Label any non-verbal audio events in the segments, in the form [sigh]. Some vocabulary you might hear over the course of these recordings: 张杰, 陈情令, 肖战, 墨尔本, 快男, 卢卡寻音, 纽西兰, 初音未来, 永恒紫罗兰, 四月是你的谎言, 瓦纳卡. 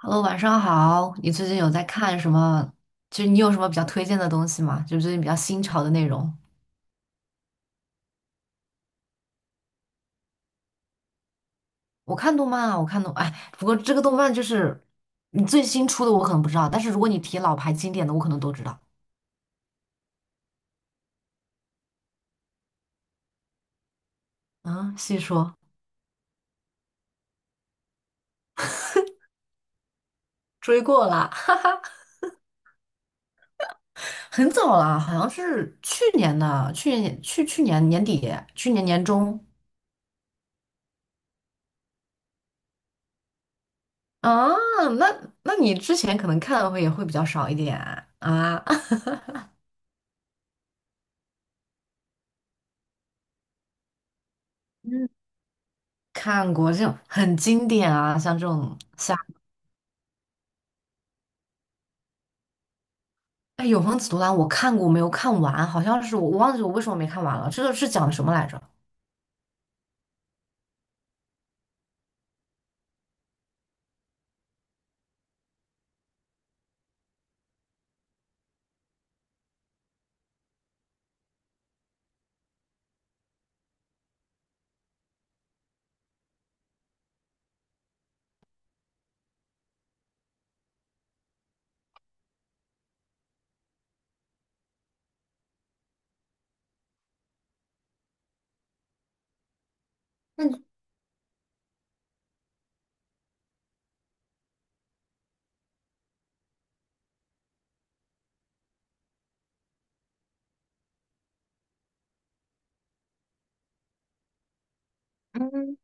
Hello，晚上好。你最近有在看什么？就是你有什么比较推荐的东西吗？就是最近比较新潮的内容。我看动漫啊，我看动，哎，不过这个动漫就是你最新出的，我可能不知道。但是如果你提老牌经典的，我可能都知道。嗯，细说。追过啦，很早啦，好像是去年的，去年年底，去年年中啊。那你之前可能看的会也会比较少一点啊。[laughs] 嗯，看过这种很经典啊，像这种。哎，《永恒紫罗兰》我看过，我没有看完，好像是我忘记我为什么没看完了。这个是讲的什么来着？嗯，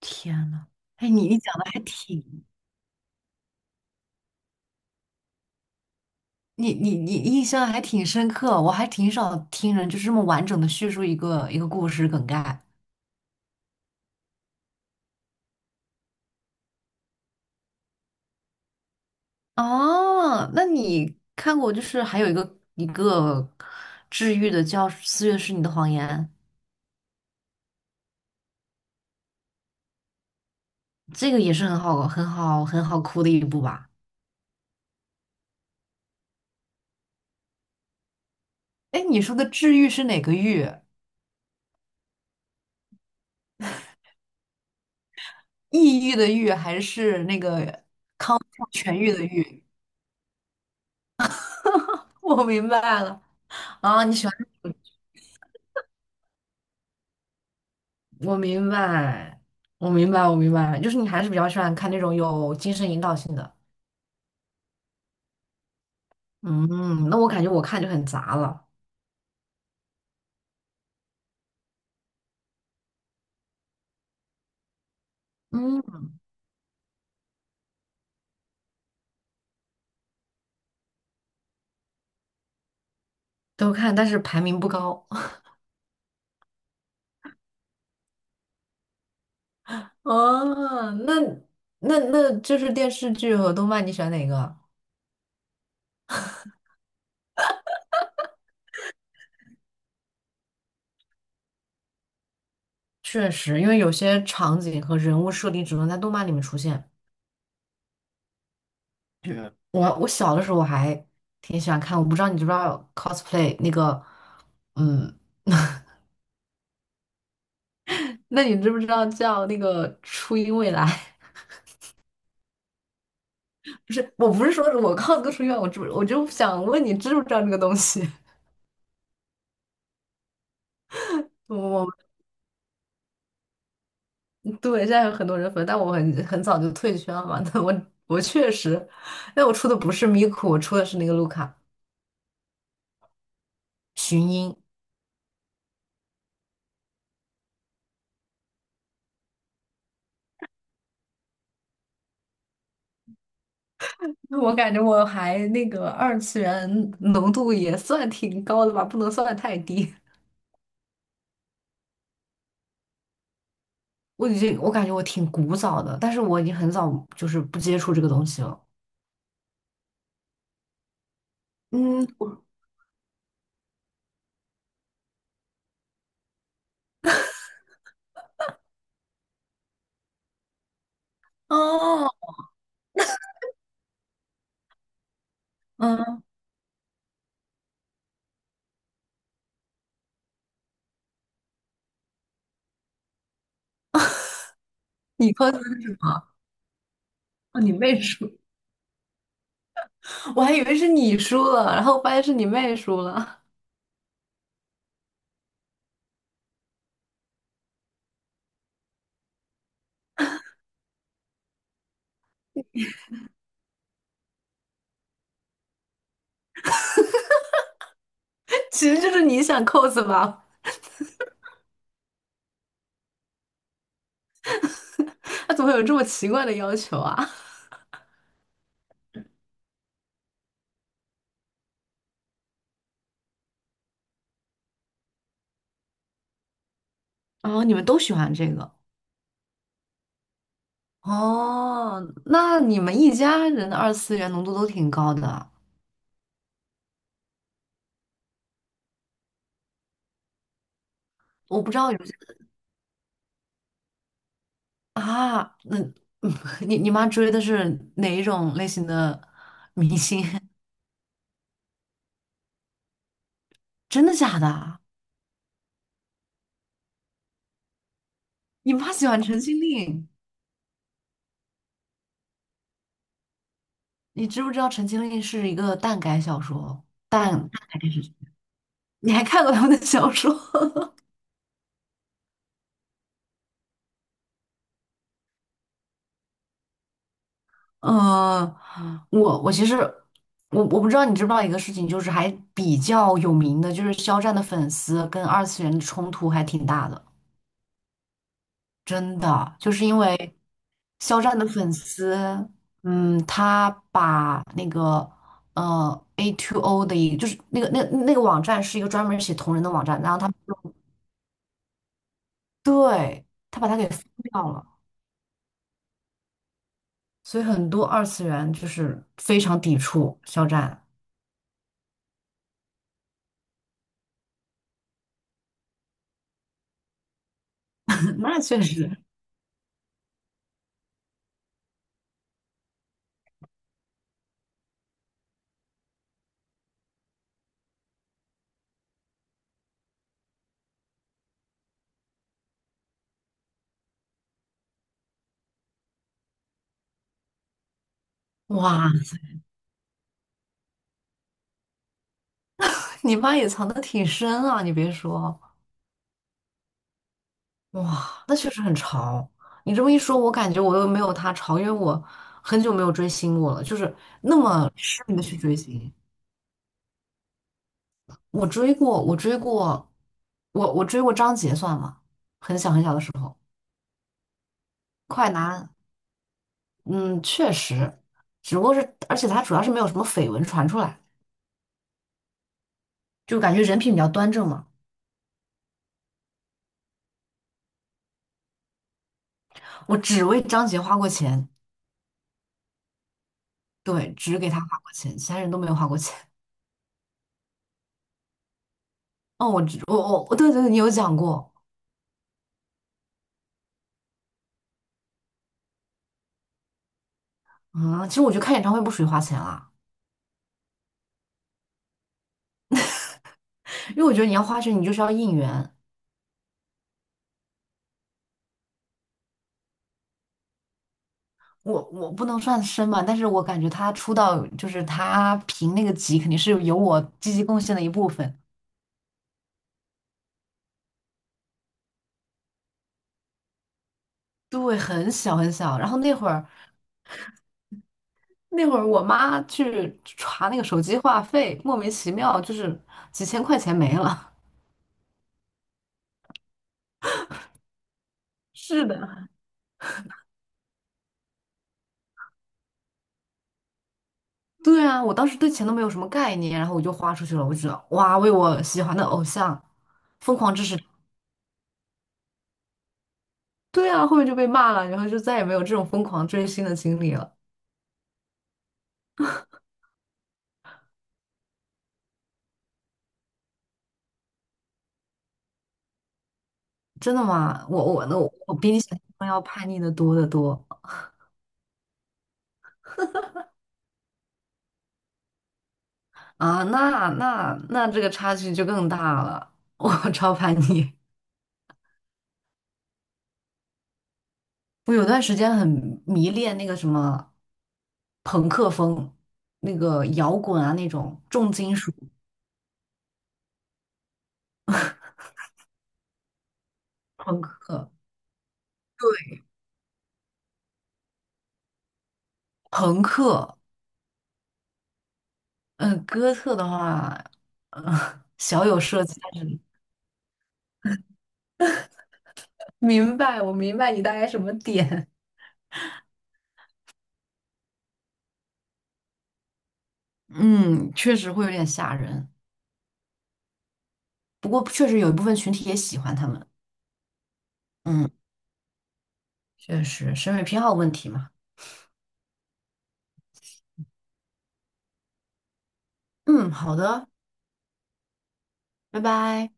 天呐，哎，你印象还挺深刻，我还挺少听人就是这么完整的叙述一个一个故事梗概。哦，那你看过就是还有一个一个治愈的叫《四月是你的谎言》，这个也是很好很好很好哭的一部吧？哎，你说的治愈是哪个愈？抑郁的郁还是那个？痊愈的愈。[laughs] 我明白了。啊，你喜欢 [laughs]，我明白，我明白，我明白，就是你还是比较喜欢看那种有精神引导性的。嗯，那我感觉我看就很杂了。嗯，都看，但是排名不高。[laughs] 啊，那就是电视剧和动漫，你喜欢哪个？确实，因为有些场景和人物设定只能在动漫里面出现，就挺喜欢看。我不知道你知不知道 cosplay 那个。嗯，那你知不知道叫那个初音未来？不是，我不是说我靠哥出院，我知我就想问你知不知道这个东西？[laughs] 我对，现在有很多人粉，但我很早就退圈了嘛。[laughs] 但我确实，但我出的不是咪咕，我出的是那个卢卡寻音。我感觉我还那个二次元浓度也算挺高的吧，不能算太低。我已经我感觉我挺古早的，但是我已经很早就是不接触这个东西了。嗯，哦。嗯，你 cos 的是什么？哦，你妹出。我还以为是你输了，然后发现是你妹输了。[laughs] 其实就是你想扣子吧？他怎么会有这么奇怪的要求啊？哦，你们都喜欢这个。哦，那你们一家人的二次元浓度都挺高的。我不知道有些啊，[laughs] 你妈追的是哪一种类型的明星？[laughs] 真的假的啊？你妈喜欢陈情令？你知不知道陈情令是一个耽改小说？耽改电视剧，你还看过他们的小说？呃，我其实我不知道你知不知道一个事情，就是还比较有名的，就是肖战的粉丝跟二次元的冲突还挺大的。真的，就是因为肖战的粉丝。嗯，他把那个AO3 的就是那个那个网站是一个专门写同人的网站，然后他对，他把它给封掉了，所以很多二次元就是非常抵触肖战。[laughs] 那确实。哇，你妈也藏得挺深啊，你别说。哇，那确实很潮。你这么一说，我感觉我又没有她潮，因为我很久没有追星过了，就是那么痴迷的去追星。我追过，我追过，我追过张杰算吗？很小很小的时候。快男。嗯，确实。只不过是，而且他主要是没有什么绯闻传出来，就感觉人品比较端正嘛。我只为张杰花过钱。对，只给他花过钱，其他人都没有花过钱。哦，我知我我对对对，你有讲过。啊，其实我觉得看演唱会不属于花钱啦，因为我觉得你要花钱，你就是要应援。我不能算深吧，但是我感觉他出道就是他评那个级，肯定是有我积极贡献的一部分。对，很小很小。然后那会儿我妈去查那个手机话费，莫名其妙就是几千块钱没了。是的，对啊，我当时对钱都没有什么概念，然后我就花出去了。我就觉得哇，为我喜欢的偶像疯狂支持。对啊，后面就被骂了，然后就再也没有这种疯狂追星的经历了。真的吗？我那我比你想象中要叛逆的多得多。啊！那这个差距就更大了，我 [laughs] 超叛逆。我有段时间很迷恋那个什么朋克风，那个摇滚啊那种重金属朋克，朋克。嗯、哥特的话，嗯、[laughs] 小有涉及。但是明白，我明白你大概什么点。嗯，确实会有点吓人，不过确实有一部分群体也喜欢他们。嗯，确实，审美偏好问题嘛。嗯，好的，拜拜。